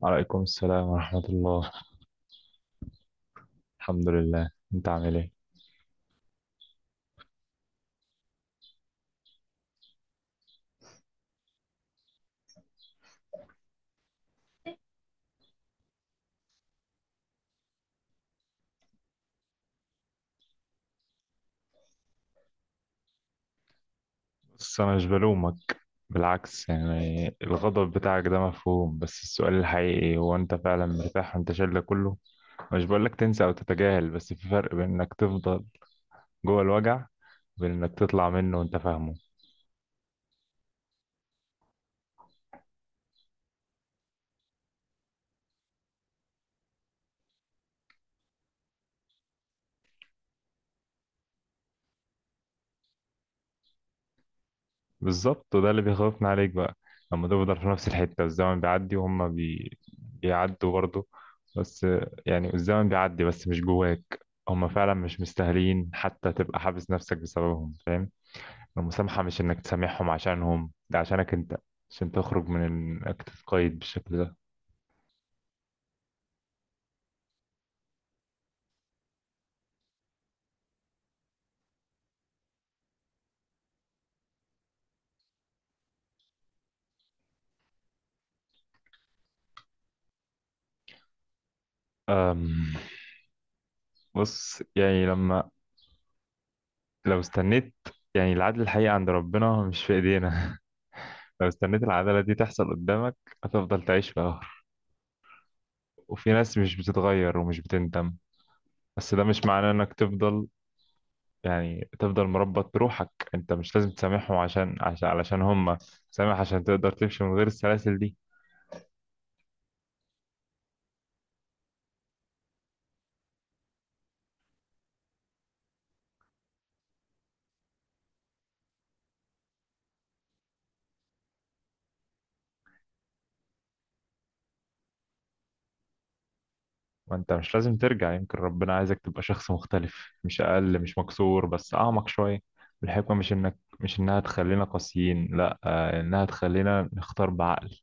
وعليكم السلام ورحمة الله. الحمد لله، انت عامل ايه؟ بس انا مش بلومك، بالعكس. يعني الغضب بتاعك ده مفهوم، بس السؤال الحقيقي هو انت فعلا مرتاح وانت شايل ده كله؟ مش بقولك تنسى او تتجاهل، بس في فرق بين انك تفضل جوه الوجع، وبين انك تطلع منه وانت فاهمه. بالظبط، وده اللي بيخوفنا عليك بقى. لما تفضل في نفس الحتة، الزمن بيعدي وهم بيعدوا برضه. بس يعني الزمن بيعدي بس مش جواك. هم فعلا مش مستاهلين حتى تبقى حابس نفسك بسببهم، فاهم؟ المسامحة مش انك تسامحهم عشانهم، ده عشانك انت، عشان تخرج من انك تتقيد بالشكل ده. أم... بص يعني لما لو استنيت، يعني العدل الحقيقي عند ربنا مش في ايدينا. لو استنيت العدالة دي تحصل قدامك هتفضل تعيش في قهر. وفي ناس مش بتتغير ومش بتندم، بس ده مش معناه انك تفضل، يعني تفضل مربط بروحك. انت مش لازم تسامحهم عشان عشان علشان هم، سامح عشان تقدر تمشي من غير السلاسل دي. وانت مش لازم ترجع، يمكن ربنا عايزك تبقى شخص مختلف، مش اقل، مش مكسور، بس اعمق شوية. الحكمة مش انها تخلينا قاسيين، لا، انها تخلينا نختار بعقل،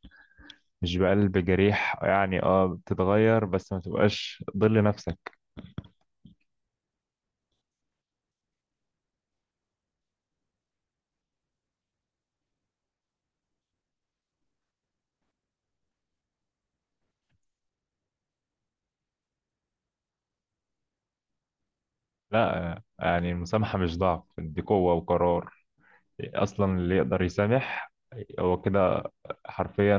مش بقلب جريح. يعني اه بتتغير بس ما تبقاش ضل نفسك. لا، يعني المسامحة مش ضعف، دي قوة وقرار. اصلا اللي يقدر يسامح هو كده، حرفيا،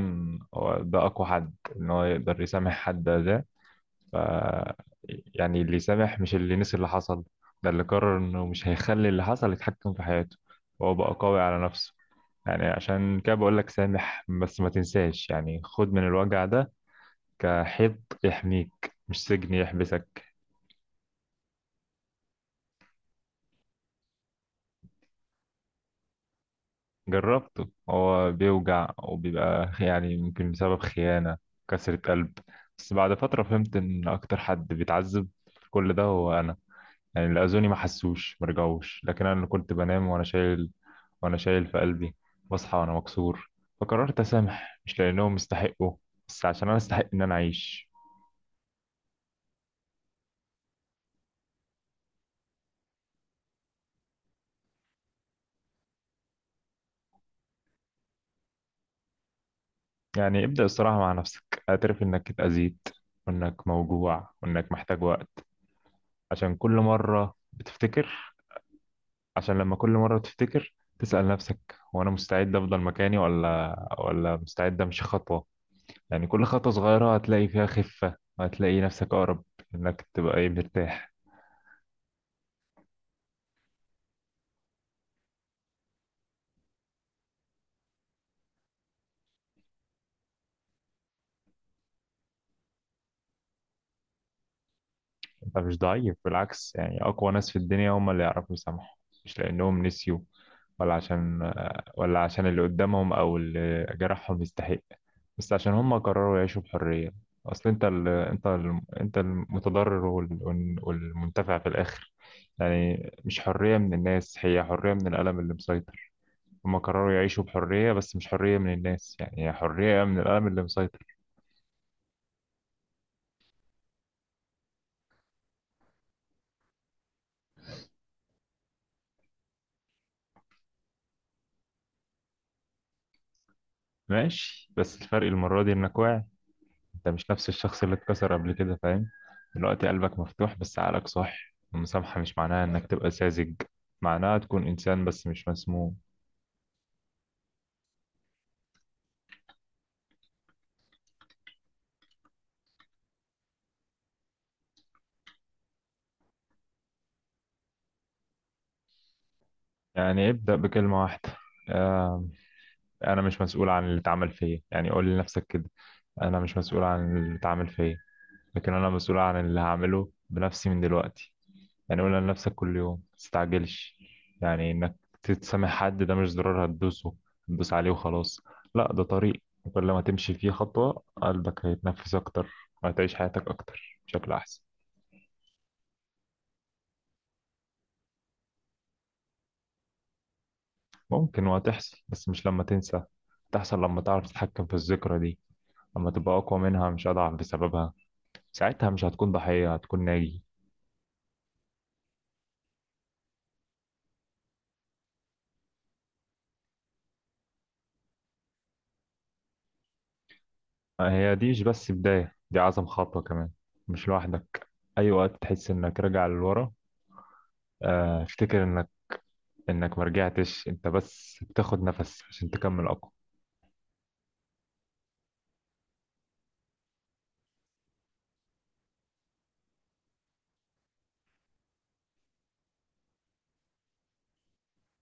هو ده اقوى حد. ان هو يقدر يسامح حد ده، ف يعني اللي يسامح مش اللي نسي اللي حصل، ده اللي قرر انه مش هيخلي اللي حصل يتحكم في حياته، وهو بقى قوي على نفسه. يعني عشان كده بقول لك سامح بس ما تنساش. يعني خد من الوجع ده كحيط يحميك، مش سجن يحبسك. جربته، هو بيوجع، وبيبقى يعني يمكن بسبب خيانة، كسرة قلب. بس بعد فترة فهمت إن أكتر حد بيتعذب في كل ده هو أنا. يعني اللي أذوني ما حسوش، ما رجعوش، لكن أنا اللي كنت بنام وأنا شايل، وأنا شايل في قلبي، بصحى وأنا مكسور. فقررت أسامح مش لأنهم استحقوا، بس عشان أنا أستحق إن أنا أعيش. يعني ابدأ الصراحة مع نفسك، اعترف إنك اتأذيت، وإنك موجوع، وإنك محتاج وقت. عشان كل مرة بتفتكر عشان لما كل مرة تفتكر، تسأل نفسك، هو أنا مستعد أفضل مكاني ولا مستعد أمشي خطوة. يعني كل خطوة صغيرة هتلاقي فيها خفة، هتلاقي نفسك أقرب، إنك تبقى إيه، مرتاح. انت مش ضعيف، بالعكس، يعني اقوى ناس في الدنيا هم اللي يعرفوا يسامحوا. مش لانهم نسيوا ولا عشان ولا عشان اللي قدامهم او اللي جرحهم يستحق، بس عشان هم قرروا يعيشوا بحرية. اصل انت انت المتضرر والمنتفع في الاخر. يعني مش حرية من الناس، هي حرية من الألم اللي مسيطر. هم قرروا يعيشوا بحرية بس مش حرية من الناس، يعني هي حرية من الألم اللي مسيطر. ماشي، بس الفرق المرة دي انك واعي. انت مش نفس الشخص اللي اتكسر قبل كده، فاهم؟ دلوقتي قلبك مفتوح بس عقلك صح. المسامحة مش معناها انك تبقى ساذج، معناها تكون انسان بس مش مسموم. يعني ابدأ بكلمة واحدة، آه، انا مش مسؤول عن اللي اتعمل فيا. يعني قول لنفسك كده، انا مش مسؤول عن اللي اتعمل فيا، لكن انا مسؤول عن اللي هعمله بنفسي من دلوقتي. يعني قول لنفسك كل يوم متستعجلش. يعني انك تتسامح حد ده مش زرار هتدوسه، هتدوس عليه وخلاص. لا، ده طريق، وكل ما تمشي فيه خطوة قلبك هيتنفس أكتر، وهتعيش حياتك أكتر بشكل أحسن. ممكن وهتحصل، بس مش لما تنسى، تحصل لما تعرف تتحكم في الذكرى دي، لما تبقى أقوى منها مش أضعف بسببها. ساعتها مش هتكون ضحية، هتكون ناجي. هي دي مش بس بداية، دي أعظم خطوة كمان. مش لوحدك. أي وقت تحس إنك راجع للورا، افتكر انك ما رجعتش، انت بس بتاخد نفس عشان تكمل اقوى.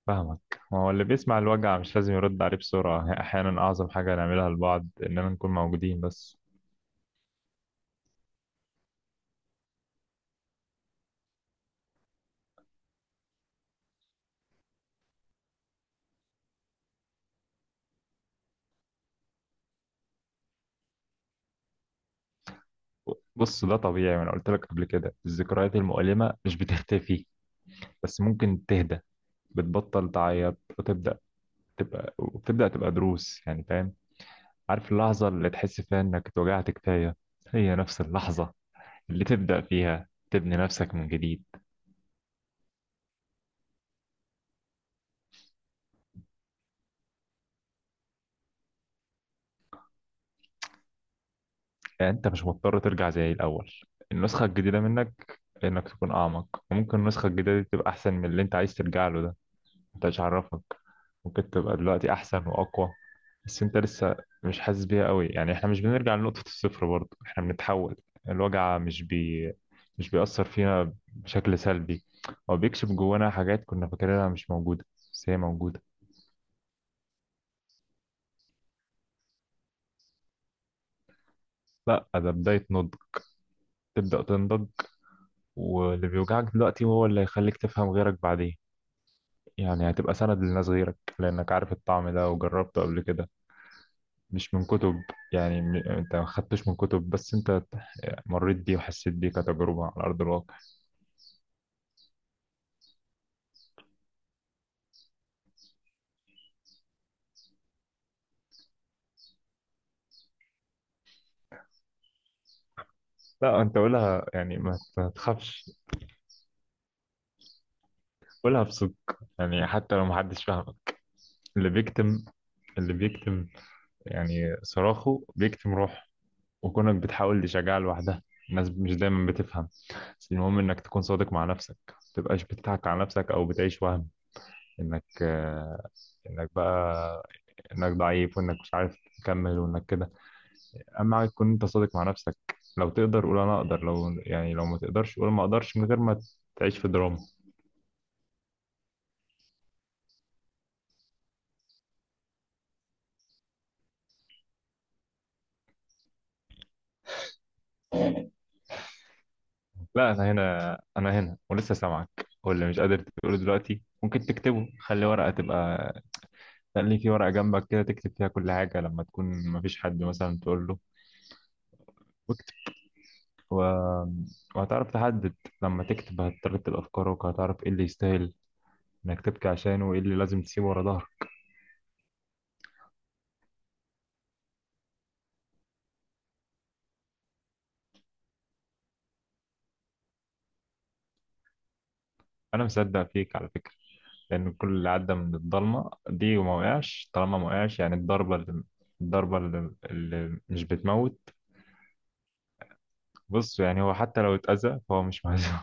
فاهمك، ما هو اللي بيسمع الوجع مش لازم يرد عليه بسرعة. احيانا اعظم حاجة نعملها لبعض اننا نكون موجودين بس. بص، ده طبيعي، وانا قلت لك قبل كده الذكريات المؤلمة مش بتختفي، بس ممكن تهدى، بتبطل تعيط وتبدأ تبقى وبتبدأ تبقى دروس. يعني فاهم، عارف اللحظة اللي تحس فيها انك اتوجعت كفاية هي نفس اللحظة اللي تبدأ فيها تبني نفسك من جديد. يعني انت مش مضطر ترجع زي الاول. النسخه الجديده منك انك تكون اعمق، وممكن النسخه الجديده دي تبقى احسن من اللي انت عايز ترجع له ده. انت مش عارفك، ممكن تبقى دلوقتي احسن واقوى، بس انت لسه مش حاسس بيها قوي. يعني احنا مش بنرجع لنقطه الصفر، برضه احنا بنتحول. الوجع مش بيأثر فينا بشكل سلبي، هو بيكشف جوانا حاجات كنا فاكرينها مش موجوده، بس هي موجوده. لا، ده بدايه نضج، تبدأ تنضج. واللي بيوجعك دلوقتي هو اللي هيخليك تفهم غيرك بعدين، يعني هتبقى سند لناس غيرك لأنك عارف الطعم ده وجربته قبل كده، مش من كتب. يعني أنت ما خدتش من كتب، بس أنت مريت بيه وحسيت بيه كتجربة على أرض الواقع. لا أنت قولها، يعني ما تخافش، قولها بصدق، يعني حتى لو محدش فاهمك. اللي بيكتم اللي بيكتم يعني صراخه بيكتم روحه، وكونك بتحاول تشجعها لوحدها. الناس مش دايما بتفهم، بس المهم إنك تكون صادق مع نفسك، ما تبقاش بتضحك على نفسك أو بتعيش وهم. إنك آه، انك بقى انك ضعيف، وانك مش عارف تكمل، وانك كده. اهم حاجه تكون انت صادق مع نفسك. لو تقدر قول انا اقدر، لو ما تقدرش قول ما اقدرش، من غير ما تعيش في دراما. لا، انا هنا، انا هنا، ولسه سامعك. واللي مش قادر تقوله دلوقتي ممكن تكتبه. خلي في ورقه جنبك كده تكتب فيها كل حاجه، لما تكون ما فيش حد مثلا تقول له، واكتب و... وهتعرف تحدد. لما تكتب هترتب افكارك وهتعرف ايه اللي يستاهل انك تبكي عشانه، وايه اللي لازم تسيبه ورا ظهرك. انا مصدق فيك على فكره، لأن كل اللي عدى من الضلمة دي وما وقعش، طالما ما وقعش يعني الضربة اللي مش بتموت. بص يعني هو حتى لو اتأذى فهو مش مهزوم.